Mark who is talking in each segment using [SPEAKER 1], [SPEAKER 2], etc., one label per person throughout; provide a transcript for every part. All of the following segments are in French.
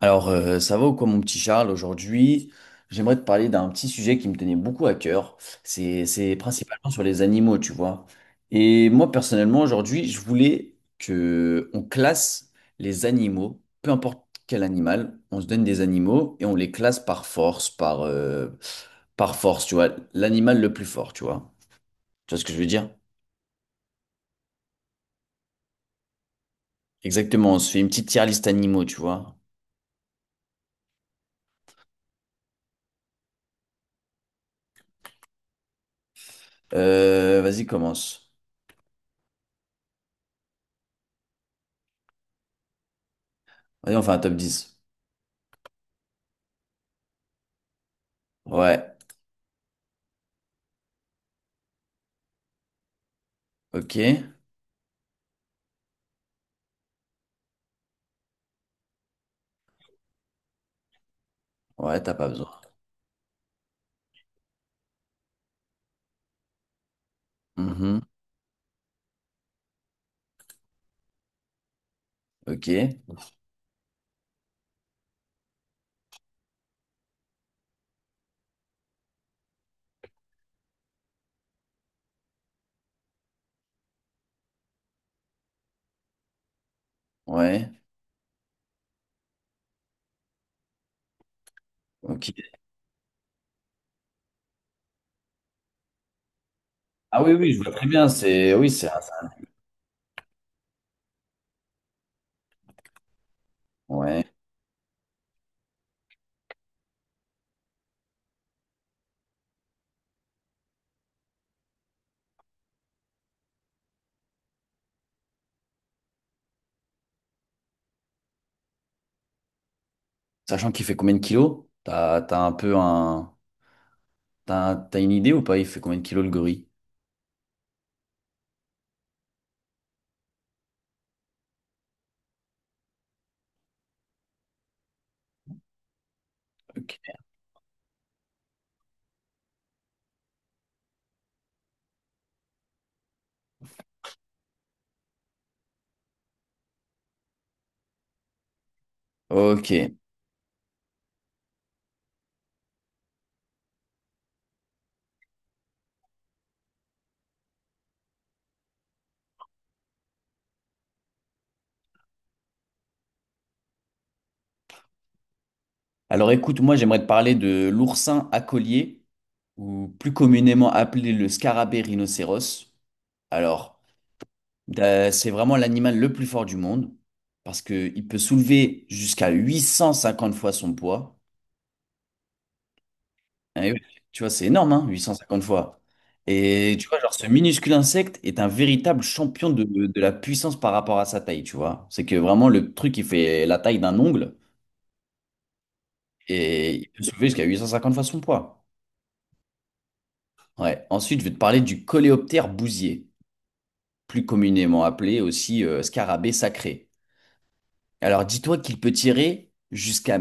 [SPEAKER 1] Alors, ça va ou quoi, mon petit Charles? Aujourd'hui, j'aimerais te parler d'un petit sujet qui me tenait beaucoup à cœur. C'est principalement sur les animaux, tu vois. Et moi, personnellement, aujourd'hui, je voulais que on classe les animaux, peu importe quel animal, on se donne des animaux et on les classe par force, par force, tu vois. L'animal le plus fort, tu vois. Tu vois ce que je veux dire? Exactement, on se fait une petite tier list animaux, tu vois. Vas-y, commence. Vas-y, on fait un top 10. Ouais, ok. Ouais, t'as pas besoin. Mhm. Ok. Ouais. Ok. Ah oui, oui, je vois très bien. C'est oui, ouais. Sachant qu'il fait combien de kilos? T'as, t'as un peu un. T'as une idée ou pas? Il fait combien de kilos le gorille? Ok. Ok. Alors écoute, moi j'aimerais te parler de l'oursin à collier, ou plus communément appelé le scarabée rhinocéros. Alors, c'est vraiment l'animal le plus fort du monde, parce qu'il peut soulever jusqu'à 850 fois son poids. Eh oui, tu vois, c'est énorme, hein, 850 fois. Et tu vois, genre, ce minuscule insecte est un véritable champion de la puissance par rapport à sa taille, tu vois. C'est que vraiment, le truc, il fait la taille d'un ongle et il peut soulever jusqu'à 850 fois son poids. Ouais. Ensuite, je vais te parler du coléoptère bousier, plus communément appelé aussi scarabée sacré. Alors, dis-toi qu'il peut tirer jusqu'à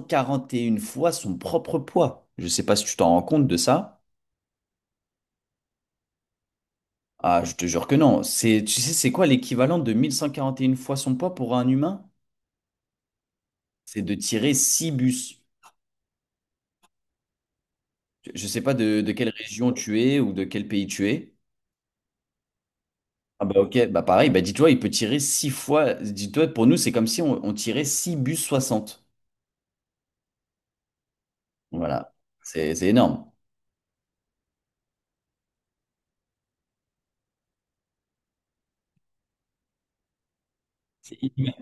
[SPEAKER 1] 1141 fois son propre poids. Je sais pas si tu t'en rends compte de ça. Ah, je te jure que non. C'est, tu sais, c'est quoi l'équivalent de 1141 fois son poids pour un humain? C'est de tirer 6 bus. Je ne sais pas de quelle région tu es ou de quel pays tu es. Ah bah ok, bah pareil, bah dis-toi, il peut tirer six fois. Dis-toi, pour nous, c'est comme si on tirait 6 bus 60. Voilà, c'est énorme. C'est inhumain.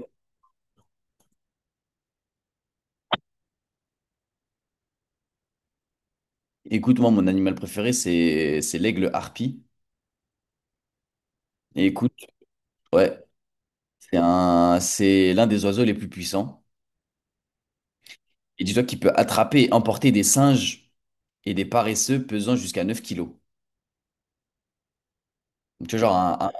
[SPEAKER 1] Écoute, moi, mon animal préféré, c'est l'aigle harpie. Et écoute, ouais, c'est un, c'est l'un des oiseaux les plus puissants. Et dis-toi qu'il peut attraper et emporter des singes et des paresseux pesant jusqu'à 9 kilos. Donc, tu vois, genre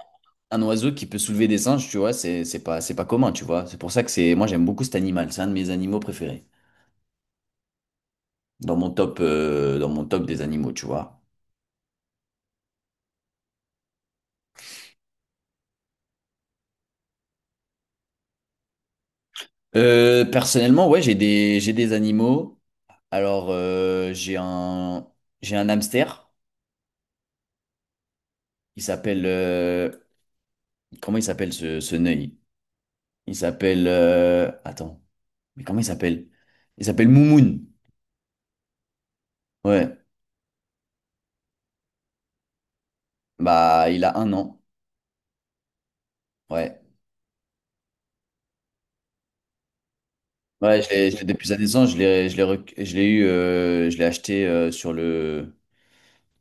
[SPEAKER 1] un oiseau qui peut soulever des singes, tu vois, c'est pas, c'est pas commun, tu vois. C'est pour ça que c'est, moi j'aime beaucoup cet animal, c'est un de mes animaux préférés. Dans mon top des animaux, tu vois. Personnellement, ouais, j'ai des animaux. Alors, j'ai un hamster. Il s'appelle, comment il s'appelle ce, ce nœud? Il s'appelle, attends, mais comment il s'appelle? Il s'appelle Moumoun. Ouais, bah, il a 1 an. Ouais. Ouais, je l'ai depuis sa naissance, je l'ai eu, je l'ai acheté sur le,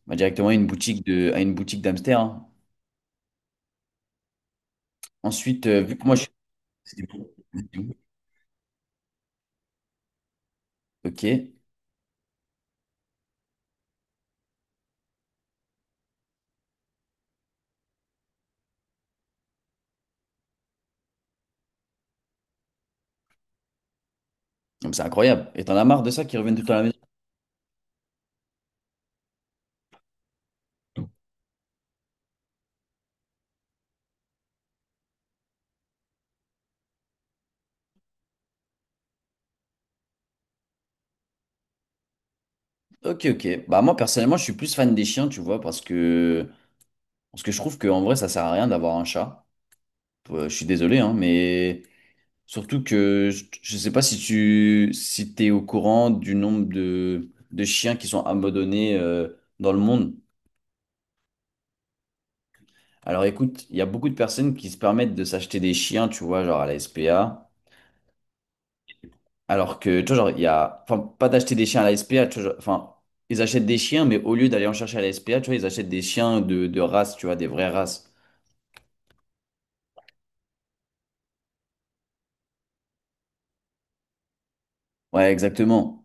[SPEAKER 1] bah, directement à une boutique de, à une boutique d'Amster. Hein. Ensuite, vu que moi je suis, ok, donc c'est incroyable. Et t'en as marre de ça qui reviennent tout le temps à la maison? Ok, ok. Bah moi personnellement, je suis plus fan des chiens, tu vois, parce que je trouve qu'en vrai, ça sert à rien d'avoir un chat. Je suis désolé, hein, mais surtout que je sais pas si tu, si t'es au courant du nombre de chiens qui sont abandonnés dans le monde. Alors écoute, il y a beaucoup de personnes qui se permettent de s'acheter des chiens, tu vois, genre à la SPA. Alors que, tu vois, genre, il y a. Enfin, pas d'acheter des chiens à la SPA, tu vois, genre- enfin, ils achètent des chiens, mais au lieu d'aller en chercher à la SPA, tu vois, ils achètent des chiens de race, tu vois, des vraies races. Ouais, exactement.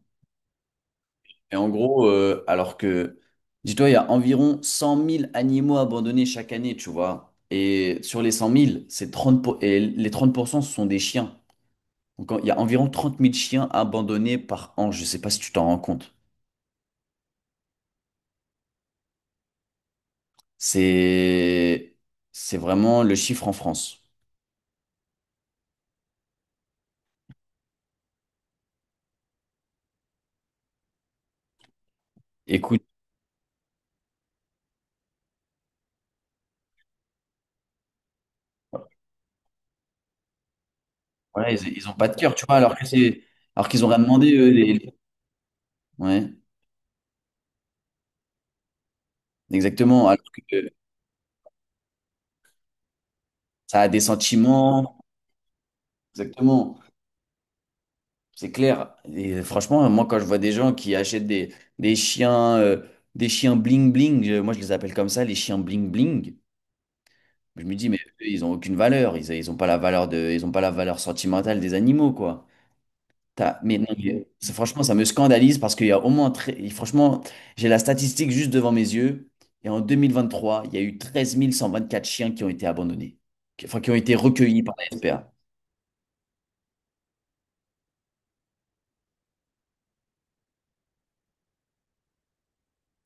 [SPEAKER 1] Et en gros, alors que, dis-toi, il y a environ 100 000 animaux abandonnés chaque année, tu vois. Et sur les 100 000, et les 30% ce sont des chiens. Donc, il y a environ 30 000 chiens abandonnés par an. Je sais pas si tu t'en rends compte. C'est c'est vraiment le chiffre en France. Écoute, voilà, ils ont pas de cœur, tu vois, alors que c'est alors qu'ils ont rien demandé eux, ouais, exactement. Alors que ça a des sentiments, exactement. C'est clair. Et franchement, moi quand je vois des gens qui achètent des chiens euh, des chiens bling bling, moi je les appelle comme ça, les chiens bling bling. Je me dis mais eux, ils ont aucune valeur, ils ont pas la valeur de ils ont pas la valeur sentimentale des animaux quoi. Mais non, franchement, ça me scandalise parce qu'il y a au moins, et franchement, j'ai la statistique juste devant mes yeux. Et en 2023, il y a eu 13 124 chiens qui ont été abandonnés, enfin qui ont été recueillis par la SPA.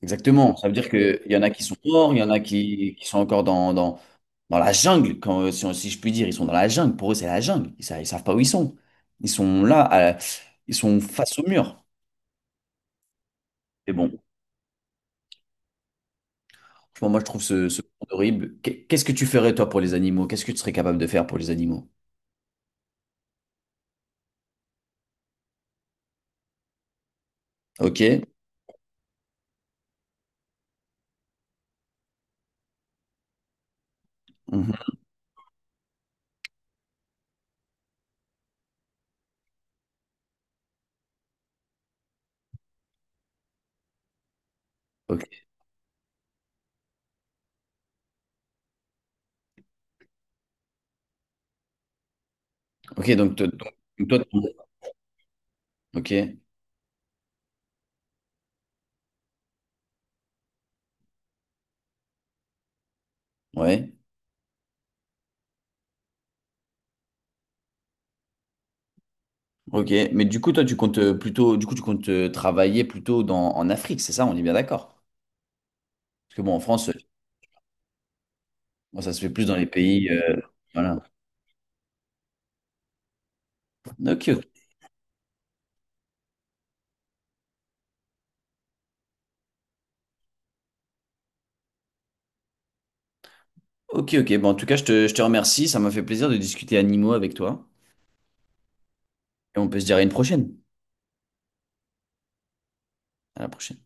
[SPEAKER 1] Exactement. Ça veut dire qu'il y en a qui sont morts, il y en a qui sont encore dans la jungle, quand, si, si je puis dire. Ils sont dans la jungle. Pour eux, c'est la jungle. Ils, savent pas où ils sont. Ils sont là, à- ils sont face au mur. Mais bon, franchement, moi, je trouve ce, ce monde horrible. Qu'est-ce que tu ferais, toi, pour les animaux? Qu'est-ce que tu serais capable de faire pour les animaux? Ok. Mhm. Ok. Ok, donc, donc, toi, ok, ouais, ok. Mais du coup, toi, tu comptes plutôt, du coup, tu comptes travailler plutôt dans, en Afrique, c'est ça? On est bien d'accord. Parce que bon, en France, bon, ça se fait plus dans les pays, voilà. Ok, ok, ok. Ok. Bon, en tout cas, je te remercie. Ça m'a fait plaisir de discuter animaux avec toi. Et on peut se dire à une prochaine. À la prochaine.